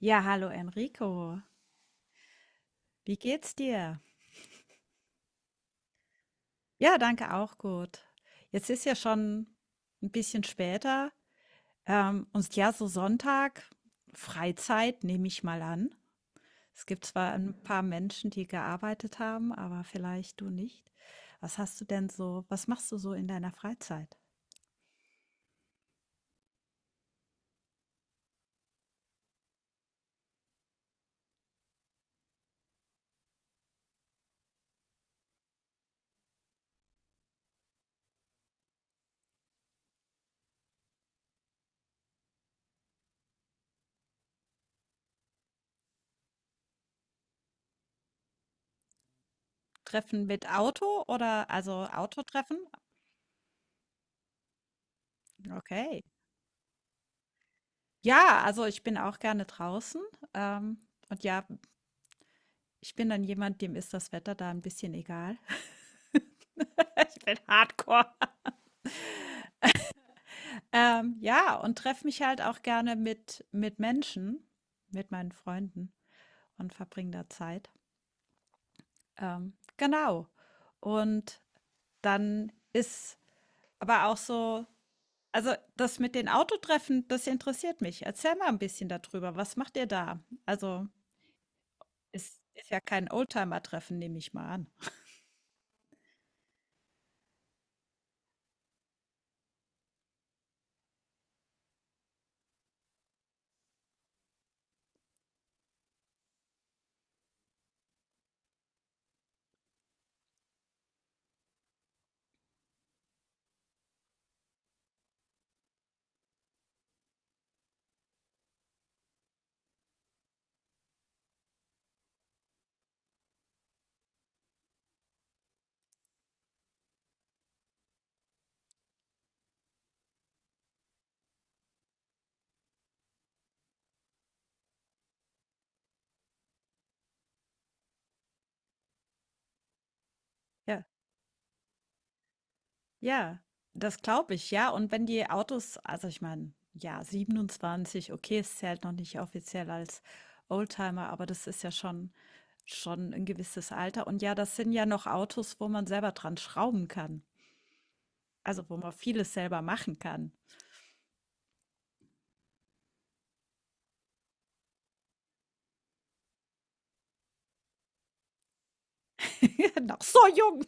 Ja, hallo Enrico. Wie geht's dir? Ja, danke auch gut. Jetzt ist ja schon ein bisschen später. Und ja, so Sonntag, Freizeit nehme ich mal an. Es gibt zwar ein paar Menschen, die gearbeitet haben, aber vielleicht du nicht. Was hast du denn so, was machst du so in deiner Freizeit? Treffen mit Auto oder also Autotreffen? Okay. Ja, also ich bin auch gerne draußen. Und ja, ich bin dann jemand, dem ist das Wetter da ein bisschen egal. Ich bin Hardcore. Ja, und treffe mich halt auch gerne mit Menschen, mit meinen Freunden und verbringe da Zeit. Genau. Und dann ist aber auch so, also, das mit den Autotreffen, das interessiert mich. Erzähl mal ein bisschen darüber. Was macht ihr da? Also, es ist ja kein Oldtimer-Treffen, nehme ich mal an. Ja. Ja, das glaube ich, ja. Und wenn die Autos, also ich meine, ja, 27, okay, es zählt noch nicht offiziell als Oldtimer, aber das ist ja schon ein gewisses Alter. Und ja, das sind ja noch Autos, wo man selber dran schrauben kann, also wo man vieles selber machen kann. Noch so jung.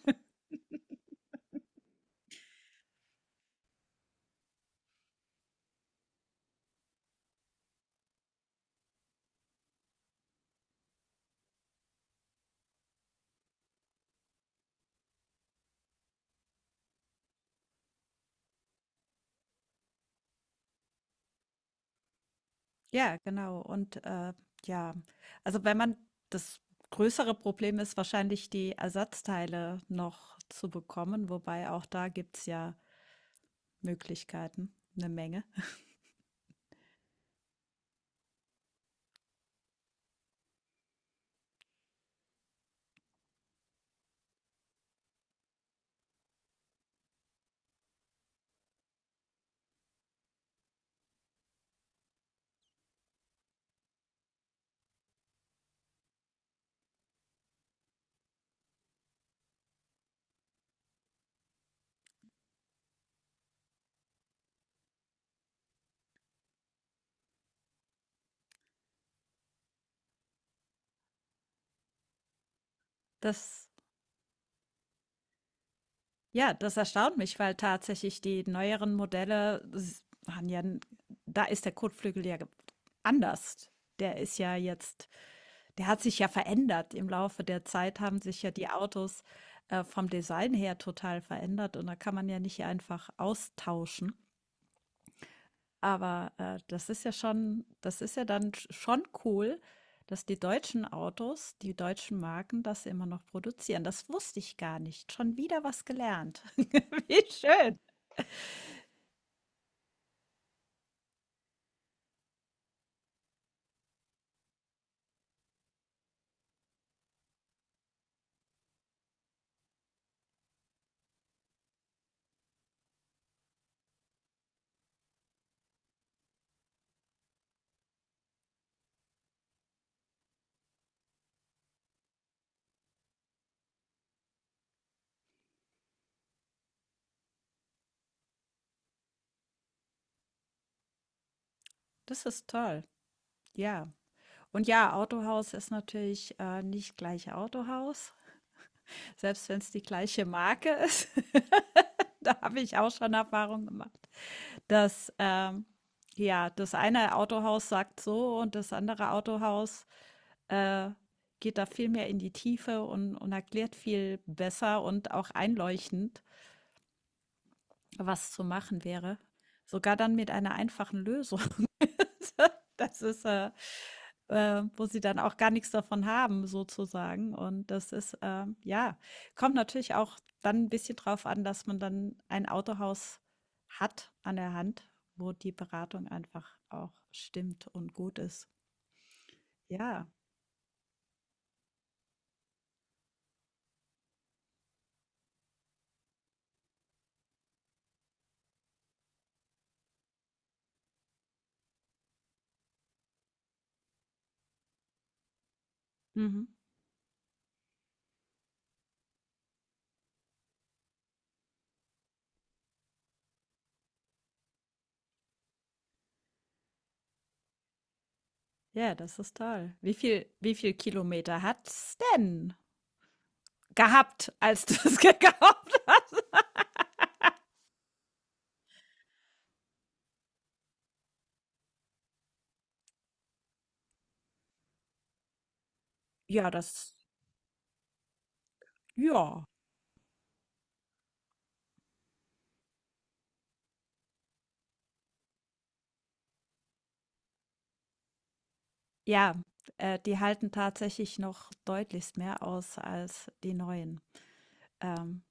Ja, genau. Und, ja, also wenn man das größere Problem ist wahrscheinlich, die Ersatzteile noch zu bekommen, wobei auch da gibt's ja Möglichkeiten, eine Menge. Das, ja, das erstaunt mich, weil tatsächlich die neueren Modelle haben ja, da ist der Kotflügel ja anders. Der ist ja jetzt, der hat sich ja verändert. Im Laufe der Zeit haben sich ja die Autos vom Design her total verändert und da kann man ja nicht einfach austauschen. Aber, das ist ja schon, das ist ja dann schon cool, dass die deutschen Autos, die deutschen Marken das immer noch produzieren. Das wusste ich gar nicht. Schon wieder was gelernt. Wie schön. Das ist toll. Ja. Und ja, Autohaus ist natürlich, nicht gleich Autohaus, selbst wenn es die gleiche Marke ist. Da habe ich auch schon Erfahrung gemacht, dass, ja, das eine Autohaus sagt so und das andere Autohaus äh, geht da viel mehr in die Tiefe und erklärt viel besser und auch einleuchtend, was zu machen wäre. Sogar dann mit einer einfachen Lösung. Das ist, wo sie dann auch gar nichts davon haben, sozusagen. Und das ist, ja, kommt natürlich auch dann ein bisschen drauf an, dass man dann ein Autohaus hat an der Hand, wo die Beratung einfach auch stimmt und gut ist. Ja. Mhm. Ja, das ist toll. Wie viel Kilometer hat's denn gehabt, als du es gekauft hast? Ja, das, ja. Ja, die halten tatsächlich noch deutlichst mehr aus als die neuen. Ähm,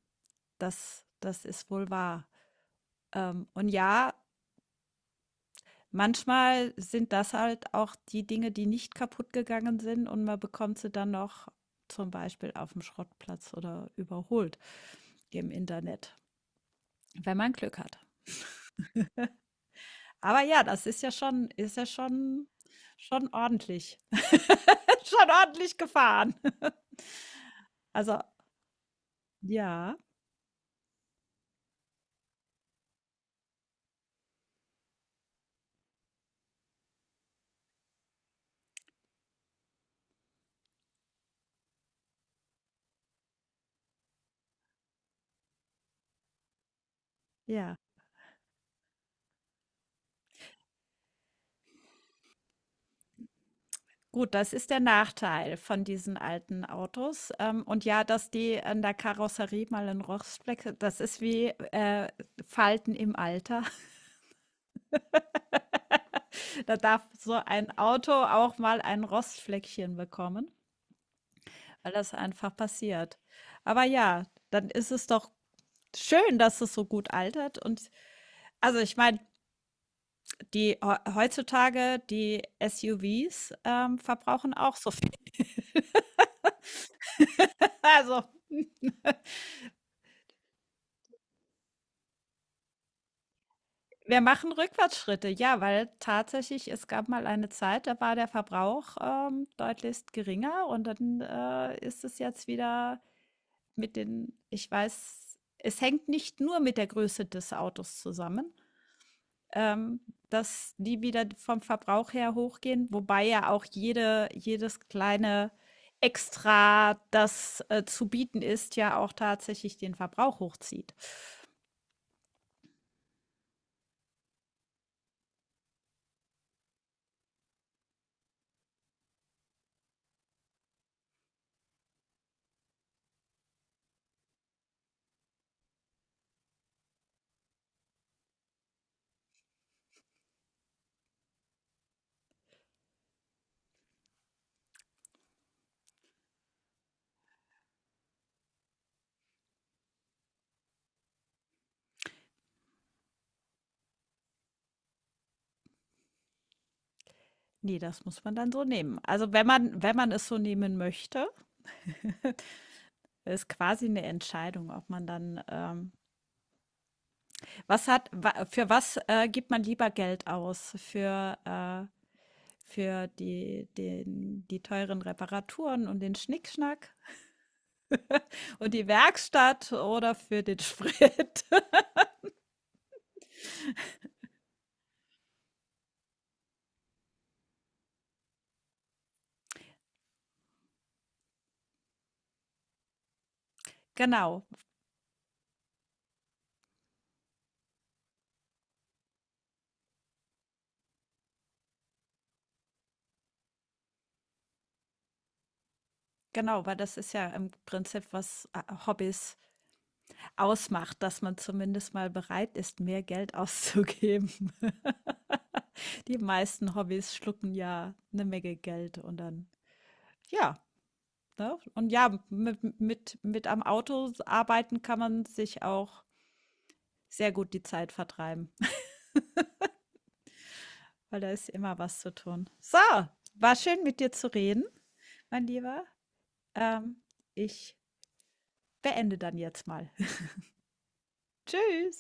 das, das ist wohl wahr. Und ja, manchmal sind das halt auch die Dinge, die nicht kaputt gegangen sind und man bekommt sie dann noch zum Beispiel auf dem Schrottplatz oder überholt im Internet, wenn man Glück hat. Aber ja, das ist ja schon, ist ja schon ordentlich. Schon ordentlich gefahren. Also, ja, ja. Gut, das ist der Nachteil von diesen alten Autos. Und ja, dass die an der Karosserie mal 'n Rostfleck, das ist wie, äh, Falten im Alter. Da darf so ein Auto auch mal ein Rostfleckchen bekommen, weil das einfach passiert. Aber ja, dann ist es doch schön, dass es so gut altert und, also, ich meine, die heutzutage die SUVs, verbrauchen auch so viel. Also, wir machen Rückwärtsschritte, ja, weil tatsächlich es gab mal eine Zeit, da war der Verbrauch, deutlichst geringer und dann, ist es jetzt wieder mit den, ich weiß, es hängt nicht nur mit der Größe des Autos zusammen. ähm, dass die wieder vom Verbrauch her hochgehen, wobei ja auch jede, jedes kleine Extra, das zu bieten ist, ja auch tatsächlich den Verbrauch hochzieht. Ne, das muss man dann so nehmen. Also, wenn man, wenn man es so nehmen möchte, ist quasi eine Entscheidung, ob man dann, was hat wa für was, gibt man lieber Geld aus? Für die den die teuren Reparaturen und den Schnickschnack und die Werkstatt oder für den Sprit? Genau, genau, weil das ist ja im Prinzip was, Hobbys ausmacht, dass man zumindest mal bereit ist, mehr Geld auszugeben. Die meisten Hobbys schlucken ja eine Menge Geld und dann, ja, ne? Und ja, mit mit am Auto arbeiten kann man sich auch sehr gut die Zeit vertreiben, weil da ist immer was zu tun. So, war schön, mit dir zu reden, mein Lieber. Ähm, ich beende dann jetzt mal. Tschüss.